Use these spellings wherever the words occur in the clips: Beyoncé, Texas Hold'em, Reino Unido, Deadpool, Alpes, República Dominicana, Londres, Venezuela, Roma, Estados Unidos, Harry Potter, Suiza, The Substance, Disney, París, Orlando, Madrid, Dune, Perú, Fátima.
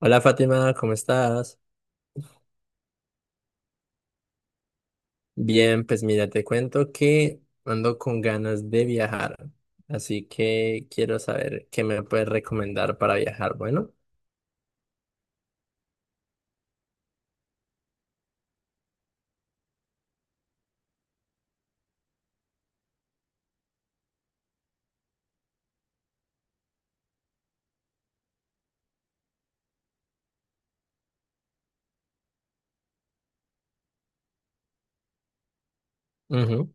Hola Fátima, ¿cómo estás? Bien, pues mira, te cuento que ando con ganas de viajar, así que quiero saber qué me puedes recomendar para viajar. Bueno, ujú,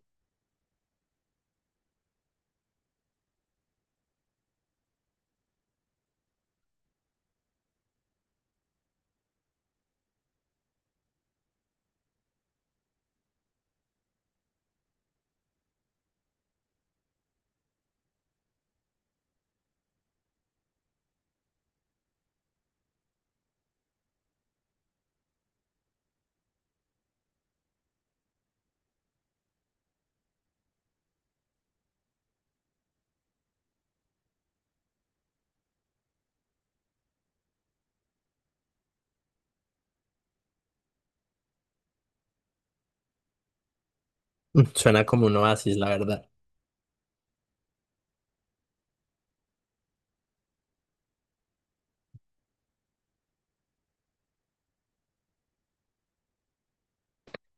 Suena como un oasis, la verdad.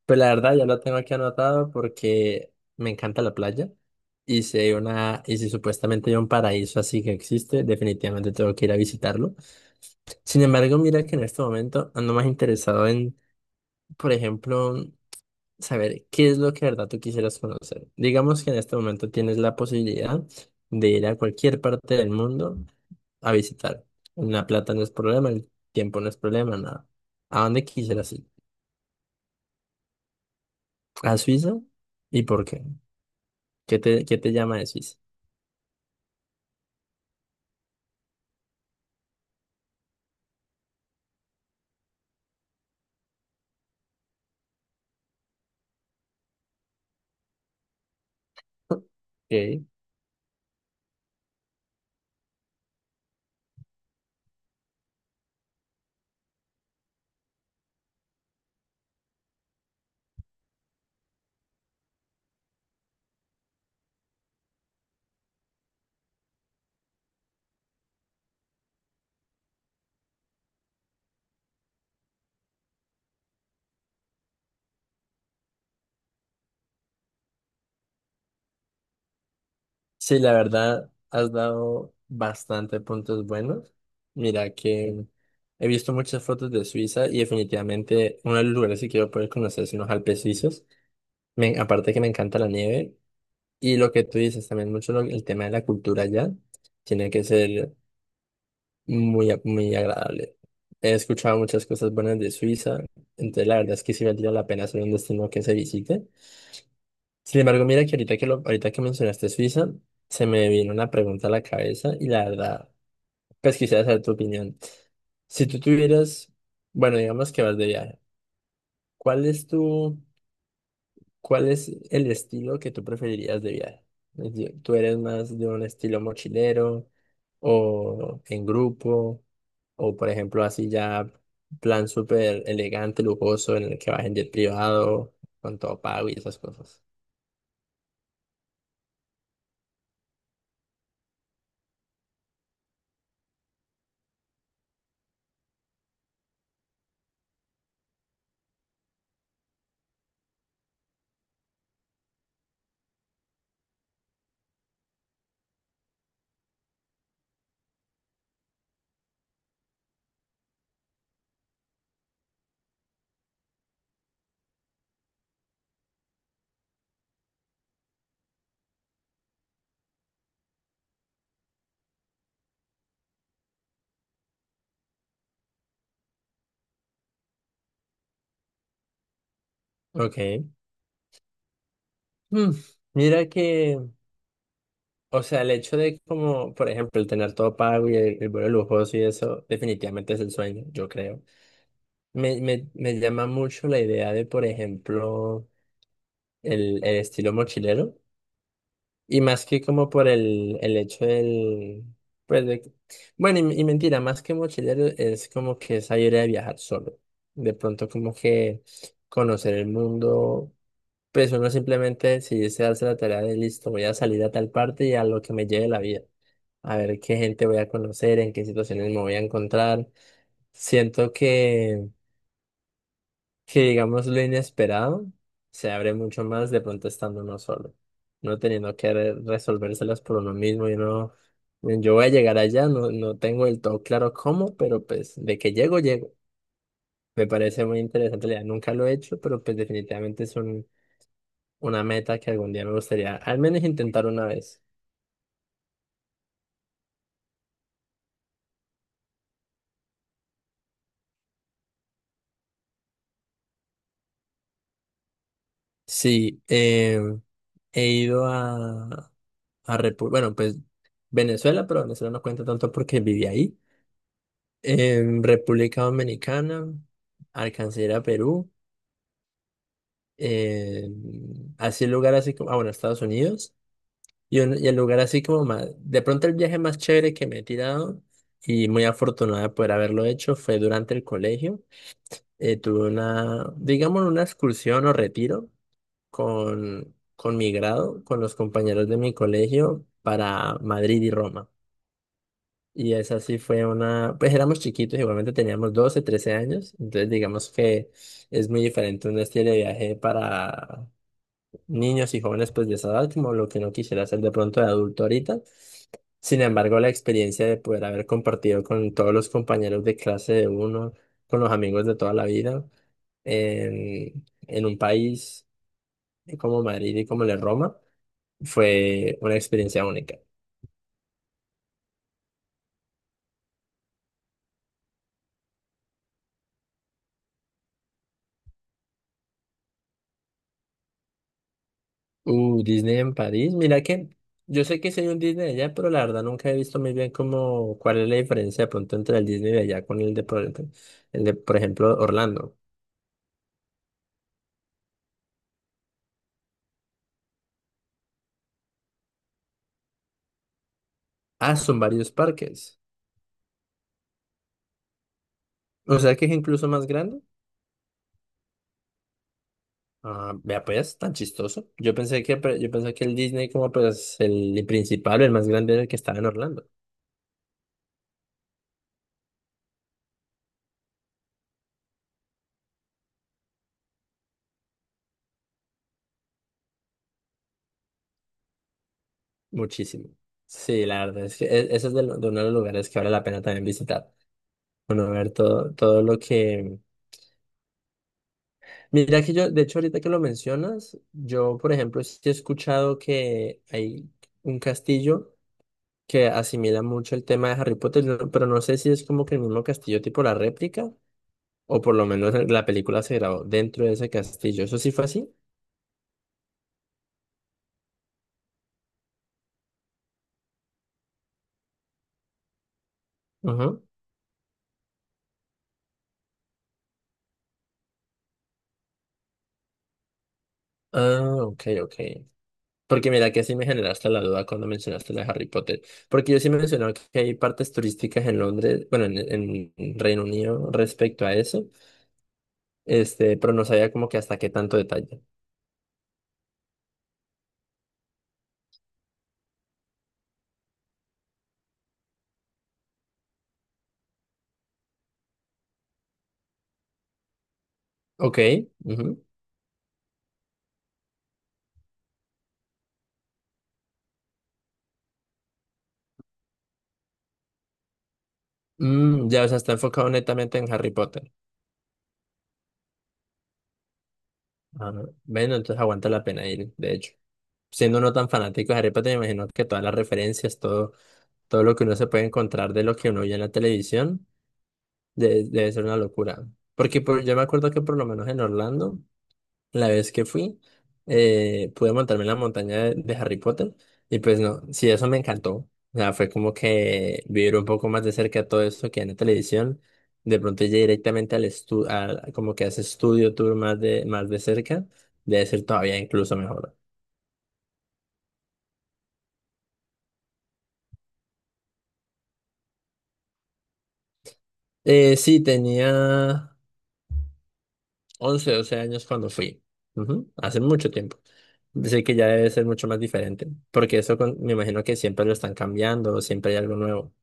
Pues la verdad ya lo tengo aquí anotado porque me encanta la playa y si supuestamente hay un paraíso así que existe, definitivamente tengo que ir a visitarlo. Sin embargo, mira que en este momento ando más interesado en, por ejemplo, saber qué es lo que de verdad tú quisieras conocer. Digamos que en este momento tienes la posibilidad de ir a cualquier parte del mundo a visitar. La plata no es problema, el tiempo no es problema, nada. ¿A dónde quisieras ir? ¿A Suiza? ¿Y por qué? ¿Qué te llama de Suiza? Ok. Sí, la verdad, has dado bastante puntos buenos. Mira que he visto muchas fotos de Suiza y definitivamente uno de los lugares que quiero poder conocer son los Alpes suizos. Aparte que me encanta la nieve y lo que tú dices también mucho el tema de la cultura allá tiene que ser muy, muy agradable. He escuchado muchas cosas buenas de Suiza, entonces la verdad es que sí valdría la pena ser un destino que se visite. Sin embargo, mira que ahorita que mencionaste Suiza, se me vino una pregunta a la cabeza y la verdad, pues quisiera saber tu opinión. Si tú tuvieras, bueno, digamos que vas de viaje, ¿cuál es tu ¿Cuál es el estilo que tú preferirías de viaje? Es decir, ¿tú eres más de un estilo mochilero o en grupo o por ejemplo así ya plan súper elegante, lujoso en el que vas en jet privado con todo pago y esas cosas? Ok. Mm, Mira que, o sea, el hecho de como, por ejemplo, el tener todo pago y el vuelo lujoso y eso, definitivamente es el sueño, yo creo. Me llama mucho la idea de, por ejemplo, el estilo mochilero. Y más que como por el hecho del. Pues de- bueno, y mentira, más que mochilero es como que esa idea de viajar solo. De pronto como que conocer el mundo, pues uno simplemente decidirse darse la tarea de listo, voy a salir a tal parte y a lo que me lleve la vida. A ver qué gente voy a conocer, en qué situaciones me voy a encontrar. Siento que digamos lo inesperado se abre mucho más de pronto estando uno solo, no teniendo que resolvérselas por uno mismo y no, yo voy a llegar allá, no, no tengo del todo claro cómo, pero pues de que llego, llego. Me parece muy interesante, la idea, nunca lo he hecho, pero pues definitivamente es una meta que algún día me gustaría al menos intentar una vez. Sí, he ido a bueno, pues Venezuela, pero Venezuela no cuenta tanto porque viví ahí. República Dominicana, alcancé a ir a Perú, así el lugar así como, ah, bueno, Estados Unidos, y el lugar así como más, de pronto el viaje más chévere que me he tirado y muy afortunada de poder haberlo hecho fue durante el colegio. Tuve una, digamos, una excursión o retiro con mi grado, con los compañeros de mi colegio para Madrid y Roma. Y esa sí fue una, pues éramos chiquitos, igualmente teníamos 12 13 años, entonces digamos que es muy diferente un estilo de viaje para niños y jóvenes pues de esa edad, como lo que no quisiera hacer de pronto de adulto ahorita. Sin embargo, la experiencia de poder haber compartido con todos los compañeros de clase de uno, con los amigos de toda la vida, en un país como Madrid y como la Roma, fue una experiencia única. Disney en París. Mira que yo sé que soy un Disney de allá, pero la verdad nunca he visto muy bien cómo, cuál es la diferencia de pronto entre el Disney de allá con el de, por ejemplo, Orlando. Ah, son varios parques. O sea que es incluso más grande. Ah, vea pues, tan chistoso. Yo pensé que el Disney como pues el principal, el más grande era el que estaba en Orlando. Muchísimo. Sí, la verdad es que ese es de uno de los lugares que vale la pena también visitar. Bueno, ver todo, todo lo que. Mira que yo, de hecho, ahorita que lo mencionas, yo, por ejemplo, sí he escuchado que hay un castillo que asimila mucho el tema de Harry Potter, pero no sé si es como que el mismo castillo tipo la réplica, o por lo menos la película se grabó dentro de ese castillo. ¿Eso sí fue así? Ajá. Ah, ok, ok. Porque mira que sí me generaste la duda cuando mencionaste la de Harry Potter. Porque yo sí mencionaba que hay partes turísticas en Londres, bueno, en Reino Unido respecto a eso, este, pero no sabía como que hasta qué tanto detalle. Ok. Ujú. Mm, ya, o sea, está enfocado netamente en Harry Potter. Ah, bueno, entonces aguanta la pena ir, de hecho. Siendo uno tan fanático de Harry Potter, me imagino que todas las referencias, todo, todo lo que uno se puede encontrar de lo que uno oye en la televisión, debe ser una locura. Porque yo me acuerdo que por lo menos en Orlando, la vez que fui, pude montarme en la montaña de Harry Potter y pues no, sí, eso me encantó. O sea, fue como que vivir un poco más de cerca todo esto que en la televisión. De pronto llegué directamente al estudio, como que a ese estudio tour más de cerca, debe ser todavía incluso mejor. Sí, tenía 11 12 años cuando fui. Ujú, hace mucho tiempo. Así que ya debe ser mucho más diferente, porque eso me imagino que siempre lo están cambiando, siempre hay algo nuevo.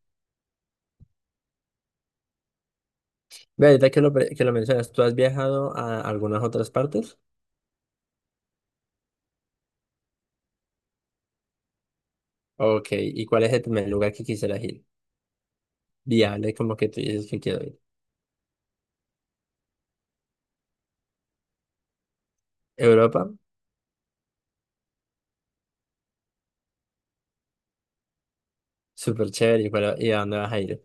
Ve, ahorita que lo mencionas, ¿tú has viajado a algunas otras partes? Ok, ¿y cuál es el primer lugar que quisieras ir? Viable, como que tú dices que quiero ir. ¿Europa? Súper chévere, ¿y a dónde vas a ir?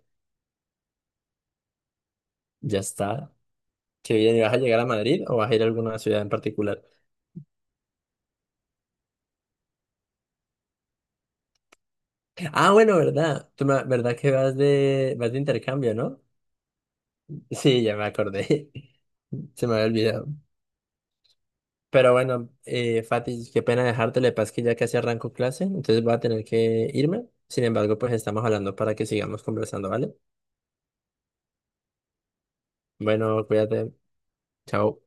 Ya está. Qué bien, ¿y vas a llegar a Madrid o vas a ir a alguna ciudad en particular? Ah, bueno, ¿verdad? ¿Verdad que vas de intercambio, no? Sí, ya me acordé. Se me había olvidado. Pero bueno, Fati, qué pena dejarte, le pasa que ya casi arranco clase, entonces voy a tener que irme. Sin embargo, pues estamos hablando para que sigamos conversando, ¿vale? Bueno, cuídate. Chao.